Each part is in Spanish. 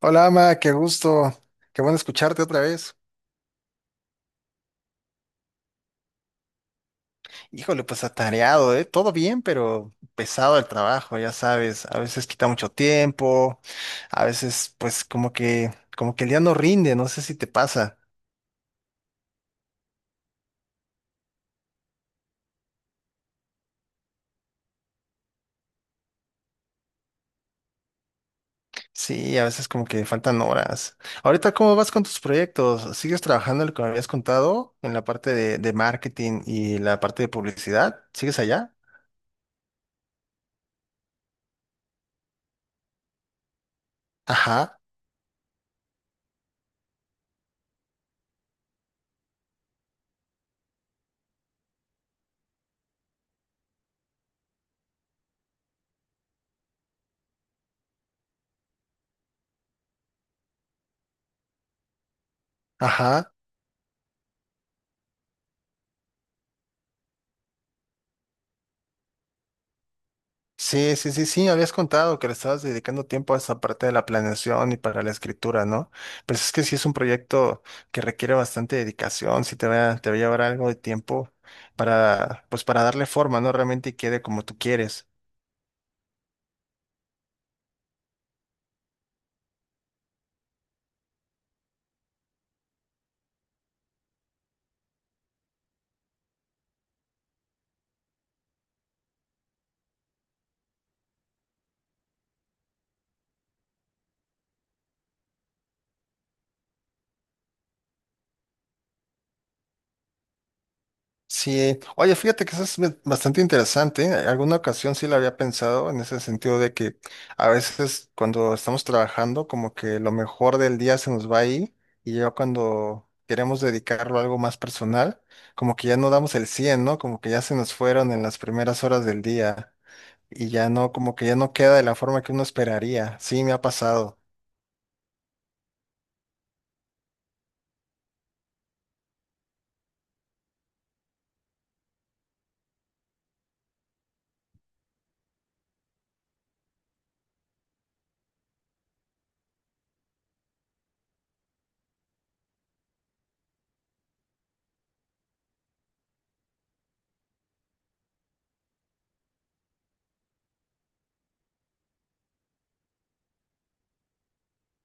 Hola, Ama, qué gusto. Qué bueno escucharte otra vez. Híjole, pues atareado, ¿eh? Todo bien, pero pesado el trabajo, ya sabes. A veces quita mucho tiempo, a veces pues como que el día no rinde, no sé si te pasa. Sí, a veces como que faltan horas. Ahorita, ¿cómo vas con tus proyectos? ¿Sigues trabajando en lo que me habías contado en la parte de marketing y la parte de publicidad? ¿Sigues allá? Ajá, ajá. Sí, sí, sí, sí, habías contado que le estabas dedicando tiempo a esa parte de la planeación y para la escritura, ¿no? Pero es que sí es un proyecto que requiere bastante dedicación, sí te va a llevar algo de tiempo pues para darle forma, ¿no? Realmente quede como tú quieres. Sí, oye, fíjate que eso es bastante interesante, ¿eh? Alguna ocasión sí lo había pensado en ese sentido de que a veces cuando estamos trabajando como que lo mejor del día se nos va ahí y ya cuando queremos dedicarlo a algo más personal, como que ya no damos el 100, ¿no? Como que ya se nos fueron en las primeras horas del día y ya no, como que ya no queda de la forma que uno esperaría. Sí, me ha pasado.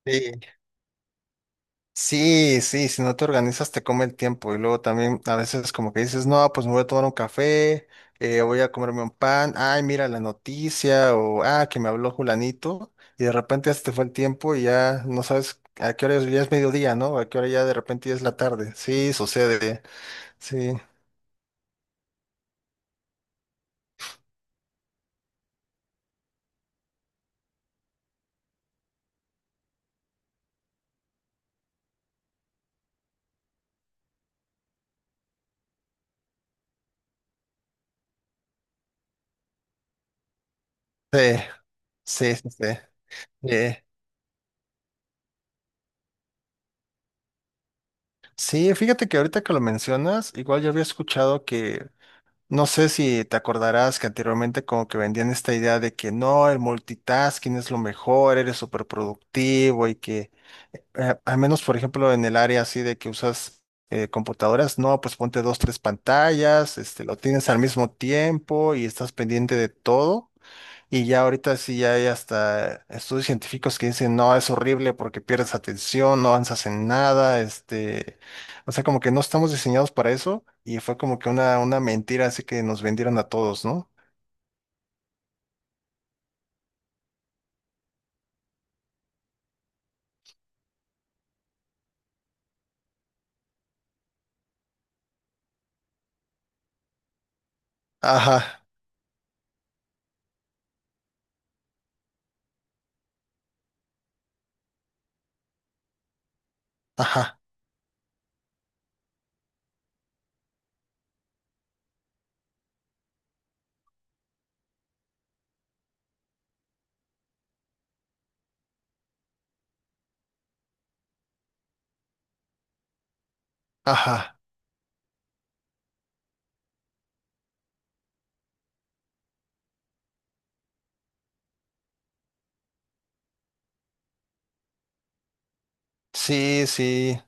Sí. Sí, sí, si no te organizas te come el tiempo y luego también a veces como que dices, no, pues me voy a tomar un café, voy a comerme un pan, ay, mira la noticia o, ah, que me habló Julanito y de repente ya se te fue el tiempo y ya no sabes a qué hora es, ya es mediodía, ¿no? A qué hora ya de repente ya es la tarde. Sí, sucede, sí, sí, sí, sí, sí. eh, sí, fíjate que ahorita que lo mencionas, igual yo había escuchado que no sé si te acordarás que anteriormente como que vendían esta idea de que no, el multitasking es lo mejor, eres súper productivo y que al menos por ejemplo en el área así de que usas computadoras, no, pues ponte dos, tres pantallas, este, lo tienes al mismo tiempo y estás pendiente de todo. Y ya ahorita sí ya hay hasta estudios científicos que dicen, no, es horrible porque pierdes atención, no avanzas en nada, este, o sea, como que no estamos diseñados para eso y fue como que una mentira así que nos vendieron a todos, ¿no? Ajá, ajá, ajá. Sí, sí.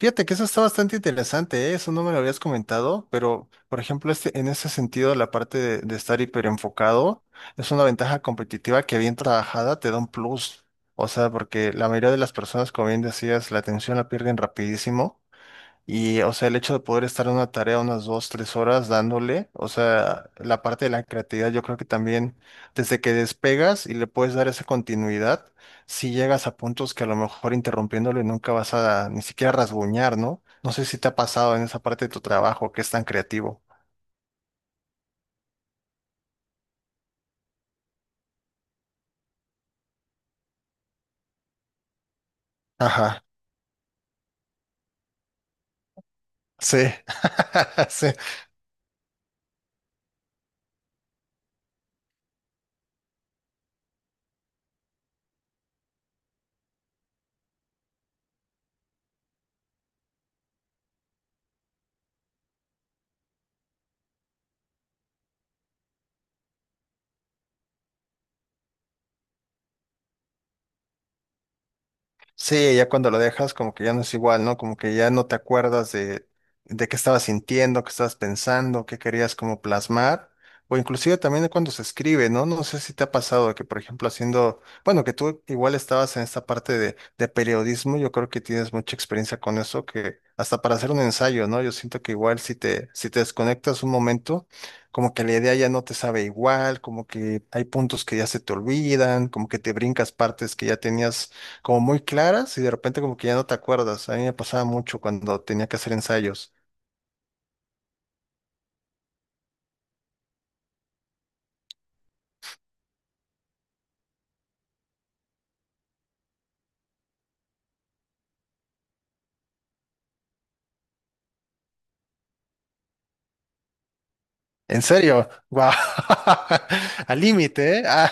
Fíjate que eso está bastante interesante, ¿eh? Eso no me lo habías comentado, pero por ejemplo, este, en ese sentido, la parte de estar hiperenfocado es una ventaja competitiva que bien trabajada te da un plus. O sea, porque la mayoría de las personas, como bien decías, la atención la pierden rapidísimo y, o sea, el hecho de poder estar en una tarea unas dos, tres horas dándole, o sea, la parte de la creatividad, yo creo que también desde que despegas y le puedes dar esa continuidad, si llegas a puntos que a lo mejor interrumpiéndole nunca vas a ni siquiera rasguñar, ¿no? No sé si te ha pasado en esa parte de tu trabajo que es tan creativo. Ajá, sí, sí. Sí, ya cuando lo dejas, como que ya no es igual, ¿no? Como que ya no te acuerdas de qué estabas sintiendo, qué estabas pensando, qué querías como plasmar, o inclusive también de cuando se escribe, ¿no? No sé si te ha pasado que, por ejemplo, haciendo, bueno, que tú igual estabas en esta parte de periodismo, yo creo que tienes mucha experiencia con eso, que hasta para hacer un ensayo, ¿no? Yo siento que igual si te, si te desconectas un momento, como que la idea ya no te sabe igual, como que hay puntos que ya se te olvidan, como que te brincas partes que ya tenías como muy claras y de repente como que ya no te acuerdas. A mí me pasaba mucho cuando tenía que hacer ensayos. ¿En serio? ¡Wow! Al límite, ¿eh? Ah,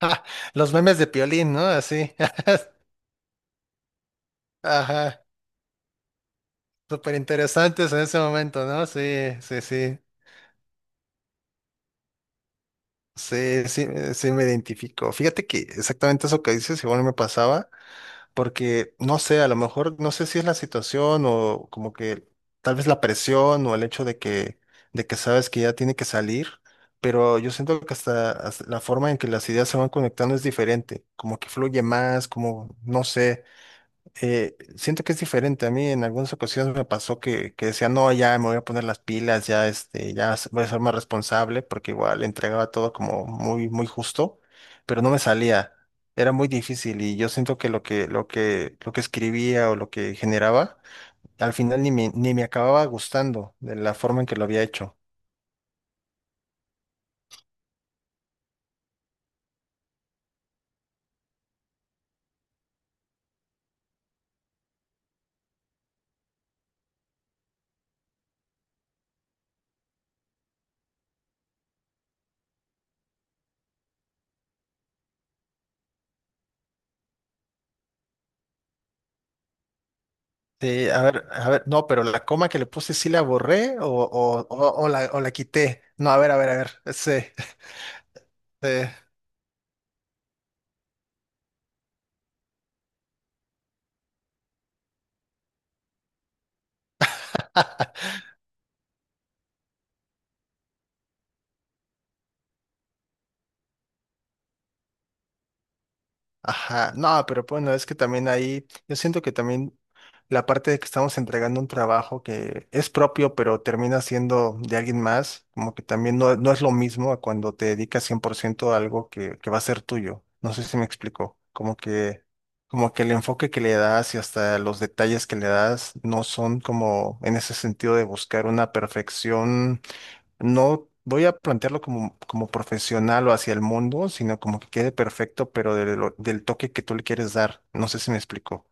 los memes de Piolín, ¿no? Así. Ajá. Súper interesantes en ese momento, ¿no? Sí, sí, sí. Sí, sí, sí me identifico. Fíjate que exactamente eso que dices, igual me pasaba. Porque no sé, a lo mejor no sé si es la situación o como que tal vez la presión o el hecho de que sabes que ya tiene que salir, pero yo siento que hasta, hasta la forma en que las ideas se van conectando es diferente, como que fluye más, como no sé, siento que es diferente. A mí en algunas ocasiones me pasó que decía, no, ya me voy a poner las pilas, ya, este, ya voy a ser más responsable, porque igual entregaba todo como muy, muy justo, pero no me salía. Era muy difícil y yo siento que lo que, lo que, lo que escribía o lo que generaba, al final ni me, ni me acababa gustando de la forma en que lo había hecho. Sí, a ver, no, pero la coma que le puse sí la borré o la quité. No, a ver, a ver, a ver. Sí, sí. Ajá, no, pero bueno, es que también ahí, yo siento que también la parte de que estamos entregando un trabajo que es propio, pero termina siendo de alguien más, como que también no, no es lo mismo a cuando te dedicas 100% a algo que va a ser tuyo. No sé si me explico, como que el enfoque que le das y hasta los detalles que le das no son como en ese sentido de buscar una perfección, no voy a plantearlo como profesional o hacia el mundo, sino como que quede perfecto, pero de lo- del toque que tú le quieres dar. No sé si me explico.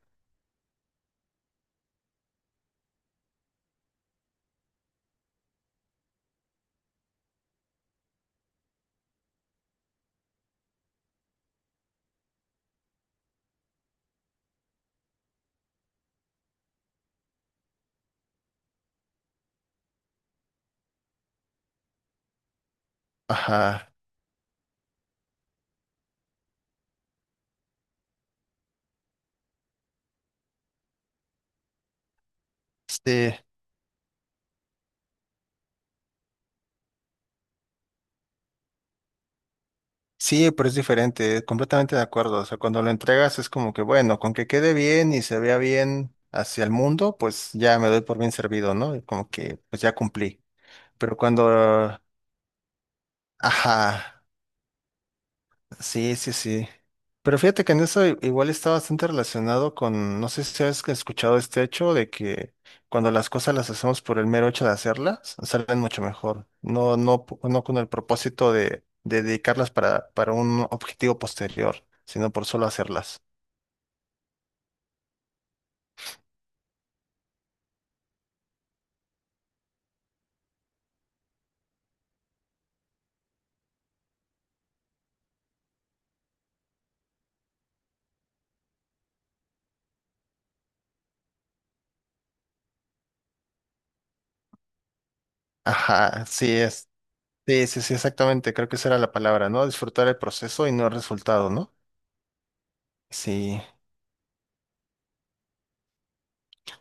Ajá. Sí, sí, pero es diferente, completamente de acuerdo. O sea, cuando lo entregas es como que, bueno, con que quede bien y se vea bien hacia el mundo, pues ya me doy por bien servido, ¿no? Y como que, pues ya cumplí. Pero cuando, ajá. Sí, sí, sí. Pero fíjate que en eso igual está bastante relacionado con, no sé si has escuchado este hecho de que cuando las cosas las hacemos por el mero hecho de hacerlas, salen mucho mejor. No, no, no con el propósito de dedicarlas para un objetivo posterior, sino por solo hacerlas. Ajá, sí es. Sí, sí, sí, exactamente. Creo que esa era la palabra, ¿no? Disfrutar el proceso y no el resultado, ¿no? Sí.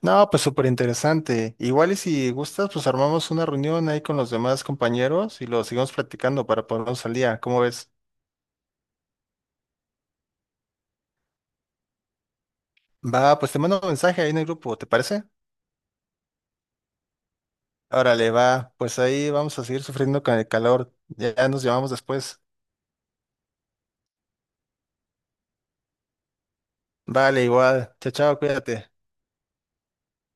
No, pues súper interesante. Igual y si gustas, pues armamos una reunión ahí con los demás compañeros y lo seguimos platicando para ponernos al día. ¿Cómo ves? Va, pues te mando un mensaje ahí en el grupo, ¿te parece? Órale, va, pues ahí vamos a seguir sufriendo con el calor. Ya nos llamamos después. Vale, igual. Chao, chao, cuídate.